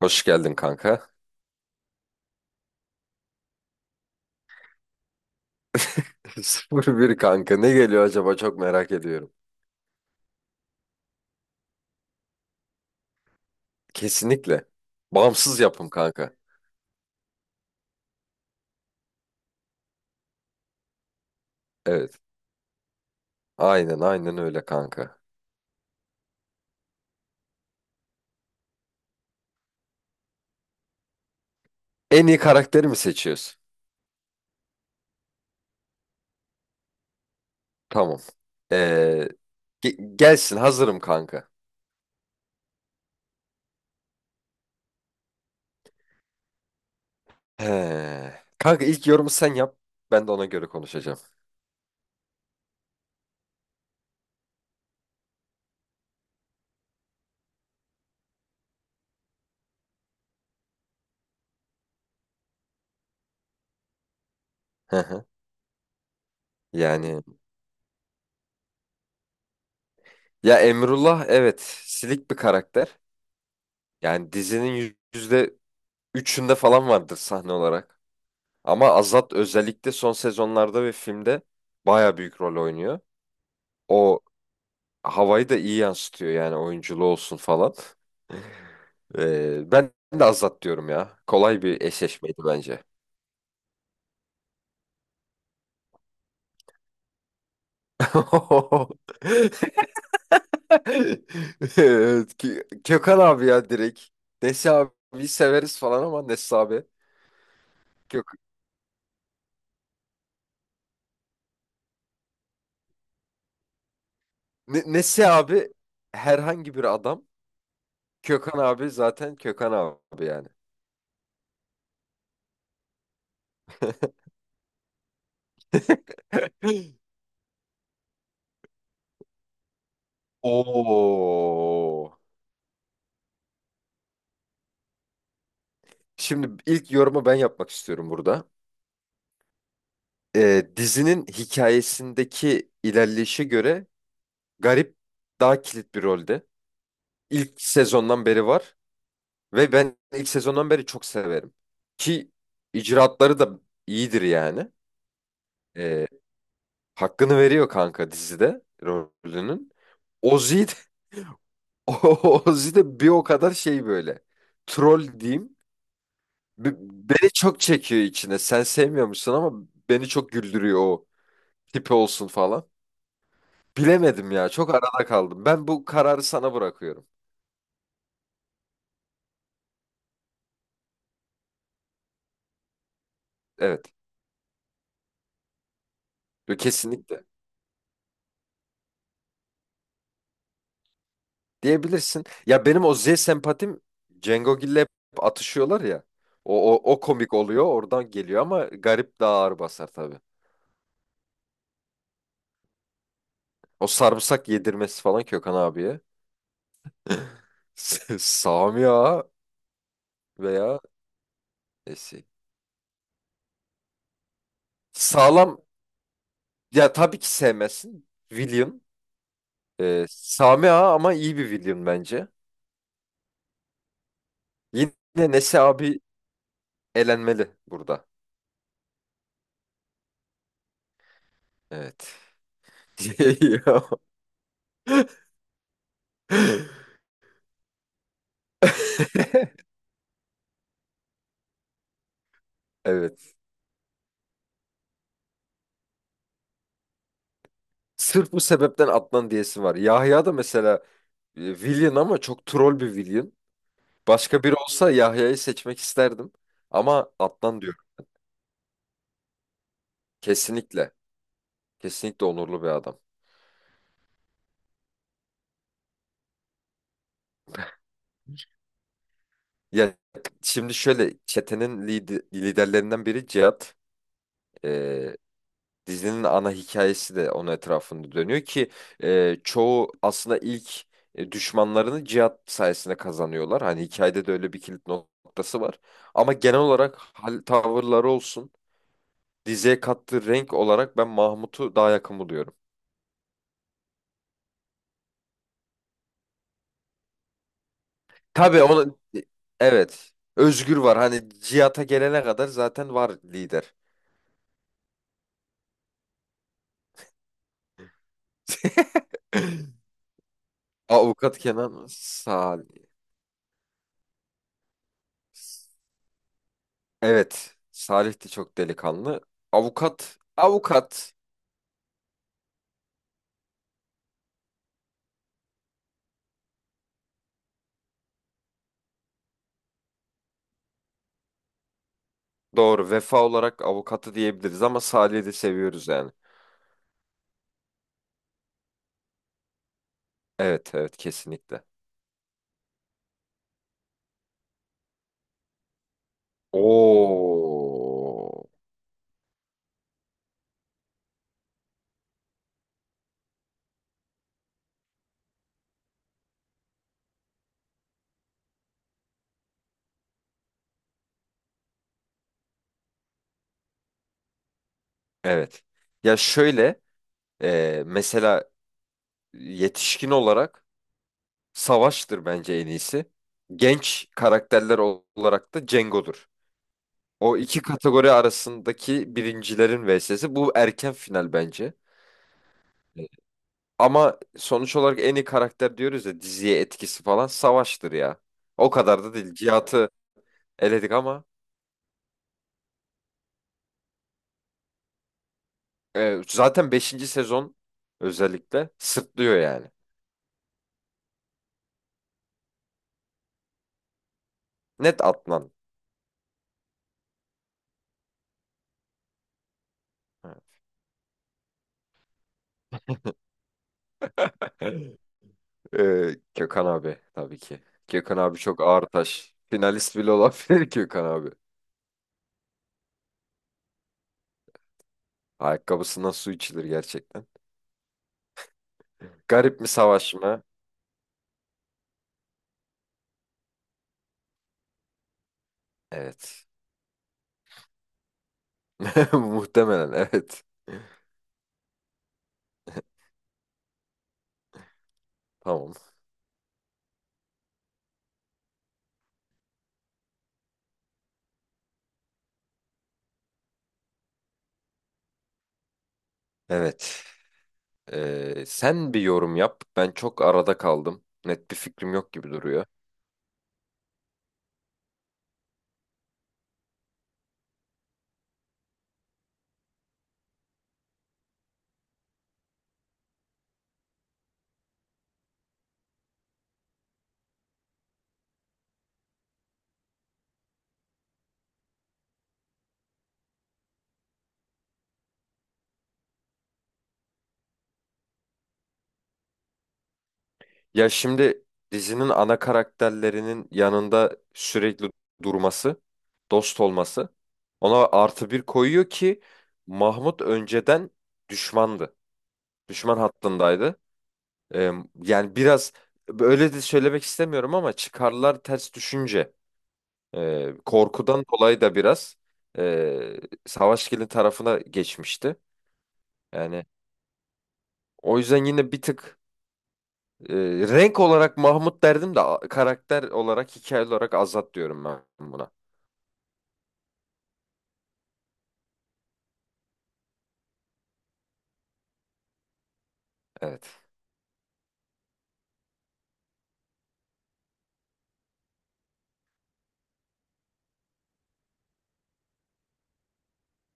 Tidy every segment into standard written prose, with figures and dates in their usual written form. Hoş geldin kanka. Sıfır Bir kanka. Ne geliyor acaba, çok merak ediyorum. Kesinlikle. Bağımsız yapım kanka. Evet. Aynen aynen öyle kanka. En iyi karakteri mi seçiyoruz? Tamam. Ee, Gelsin, hazırım kanka. He. Kanka, ilk yorumu sen yap. Ben de ona göre konuşacağım. Hı hı. Yani ya Emrullah, evet, silik bir karakter. Yani dizinin %3'ünde falan vardır sahne olarak. Ama Azat özellikle son sezonlarda ve filmde baya büyük rol oynuyor. O havayı da iyi yansıtıyor, yani oyunculuğu olsun falan. Ben de Azat diyorum ya. Kolay bir eşleşmeydi bence. Evet, Kökan abi ya, direkt. Nesi abi severiz falan ama Nesi abi. Kök Nesi abi herhangi bir adam. Kökan abi zaten Kökan abi yani. Oo. Şimdi ilk yorumu ben yapmak istiyorum burada. Dizinin hikayesindeki ilerleyişe göre Garip daha kilit bir rolde. İlk sezondan beri var ve ben ilk sezondan beri çok severim. Ki icraatları da iyidir yani. Ee, Hakkını veriyor kanka, dizide rolünün. Ozzy de, Ozzy de bir o kadar şey böyle. Troll diyeyim. Beni çok çekiyor içine. Sen sevmiyor musun ama beni çok güldürüyor o, tipi olsun falan. Bilemedim ya. Çok arada kaldım. Ben bu kararı sana bırakıyorum. Evet. Yo, kesinlikle. Diyebilirsin. Ya, benim o Z sempatim Cengo Gill'le hep atışıyorlar ya. O komik oluyor. Oradan geliyor ama garip daha ağır basar tabii. O sarımsak yedirmesi falan Kökan abiye. Sami Ağa veya Esi. Sağlam. Ya tabii ki sevmezsin. William. Sami Ağa ama iyi bir William bence. Yine Nesi abi elenmeli burada. Evet. Ya. Evet. Sırf bu sebepten atlan diyesi var. Yahya da mesela villain ama çok troll bir villain. Başka biri olsa Yahya'yı seçmek isterdim. Ama atlan diyorum. Kesinlikle. Kesinlikle onurlu bir adam. Ya şimdi şöyle, çetenin liderlerinden biri Cihat. Dizinin ana hikayesi de onun etrafında dönüyor ki çoğu aslında ilk düşmanlarını Cihat sayesinde kazanıyorlar. Hani hikayede de öyle bir kilit noktası var. Ama genel olarak hal tavırları olsun, diziye kattığı renk olarak ben Mahmut'u daha yakın buluyorum. Tabii ona, evet, Özgür var. Hani Cihata gelene kadar zaten var lider. Avukat Kenan Salih. Evet, Salih de çok delikanlı. Avukat, avukat Doğru. Vefa olarak avukatı diyebiliriz ama Salih'i de seviyoruz yani. Evet, evet, kesinlikle. Oo. Evet. Ya şöyle, mesela yetişkin olarak Savaş'tır bence en iyisi. Genç karakterler olarak da Cengo'dur. O iki kategori arasındaki birincilerin vs'si. Bu erken final bence. Evet. Ama sonuç olarak en iyi karakter diyoruz ya, diziye etkisi falan Savaş'tır ya. O kadar da değil. Cihat'ı eledik ama zaten beşinci sezon özellikle sırtlıyor yani. Net Adnan. Gökhan abi tabii ki. Gökhan abi çok ağır taş. Finalist bile olabilir Gökhan abi. Ayakkabısından su içilir gerçekten. Garip mi, Savaş mı? Evet. Muhtemelen evet. Tamam. Evet. Sen bir yorum yap. Ben çok arada kaldım. Net bir fikrim yok gibi duruyor. Ya şimdi dizinin ana karakterlerinin yanında sürekli durması, dost olması ona artı bir koyuyor ki Mahmut önceden düşmandı. Düşman hattındaydı. Ee, Yani biraz öyle de söylemek istemiyorum ama çıkarlar ters düşünce, korkudan dolayı da biraz e, Savaşgil'in tarafına geçmişti. Yani o yüzden yine bir tık, Ee, renk olarak Mahmut derdim de karakter olarak, hikaye olarak Azat diyorum ben buna. Evet.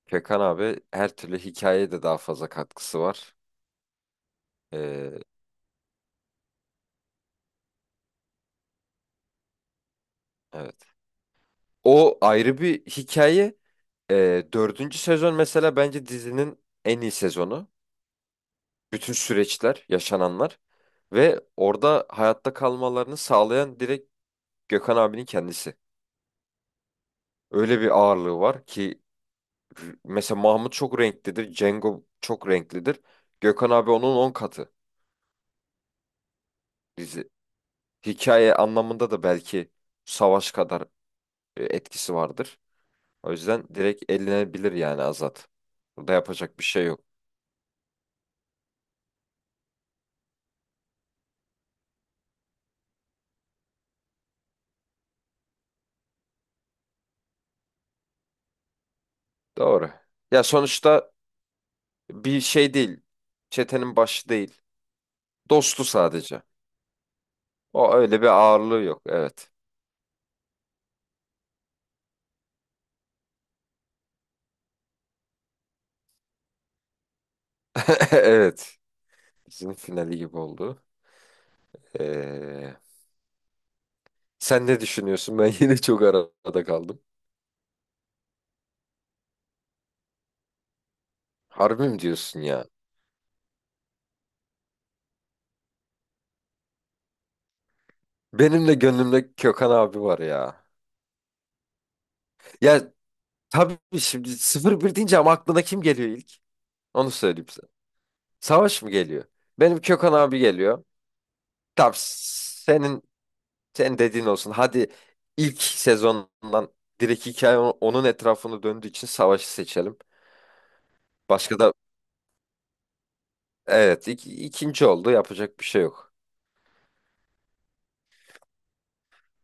Gökhan abi, her türlü hikayeye de daha fazla katkısı var. Ee, evet. O ayrı bir hikaye. Dördüncü sezon mesela bence dizinin en iyi sezonu. Bütün süreçler, yaşananlar ve orada hayatta kalmalarını sağlayan direkt Gökhan abinin kendisi. Öyle bir ağırlığı var ki mesela Mahmut çok renklidir, Cengo çok renklidir. Gökhan abi onun 10 katı. Dizi, hikaye anlamında da belki savaş kadar etkisi vardır. O yüzden direkt elenebilir yani Azat. Burada yapacak bir şey yok. Doğru. Ya sonuçta bir şey değil. Çetenin başı değil. Dostu sadece. O öyle bir ağırlığı yok. Evet. Evet. Bizim finali gibi oldu. Ee, Sen ne düşünüyorsun? Ben yine çok arada kaldım. Harbi mi diyorsun ya? Benim de gönlümde Kökan abi var ya. Ya tabii, şimdi Sıfır Bir deyince, ama aklına kim geliyor ilk? Onu söyleyeyim sana. Savaş mı geliyor? Benim Kökan abi geliyor. Tamam, senin dediğin olsun. Hadi, ilk sezondan direkt hikaye onun etrafını döndüğü için savaşı seçelim. Başka da, evet, ikinci oldu, yapacak bir şey yok.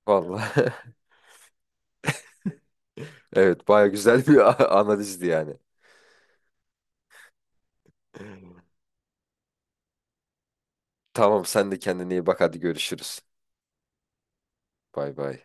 Vallahi evet, baya güzel bir analizdi yani. Tamam, sen de kendine iyi bak, hadi görüşürüz. Bay bay.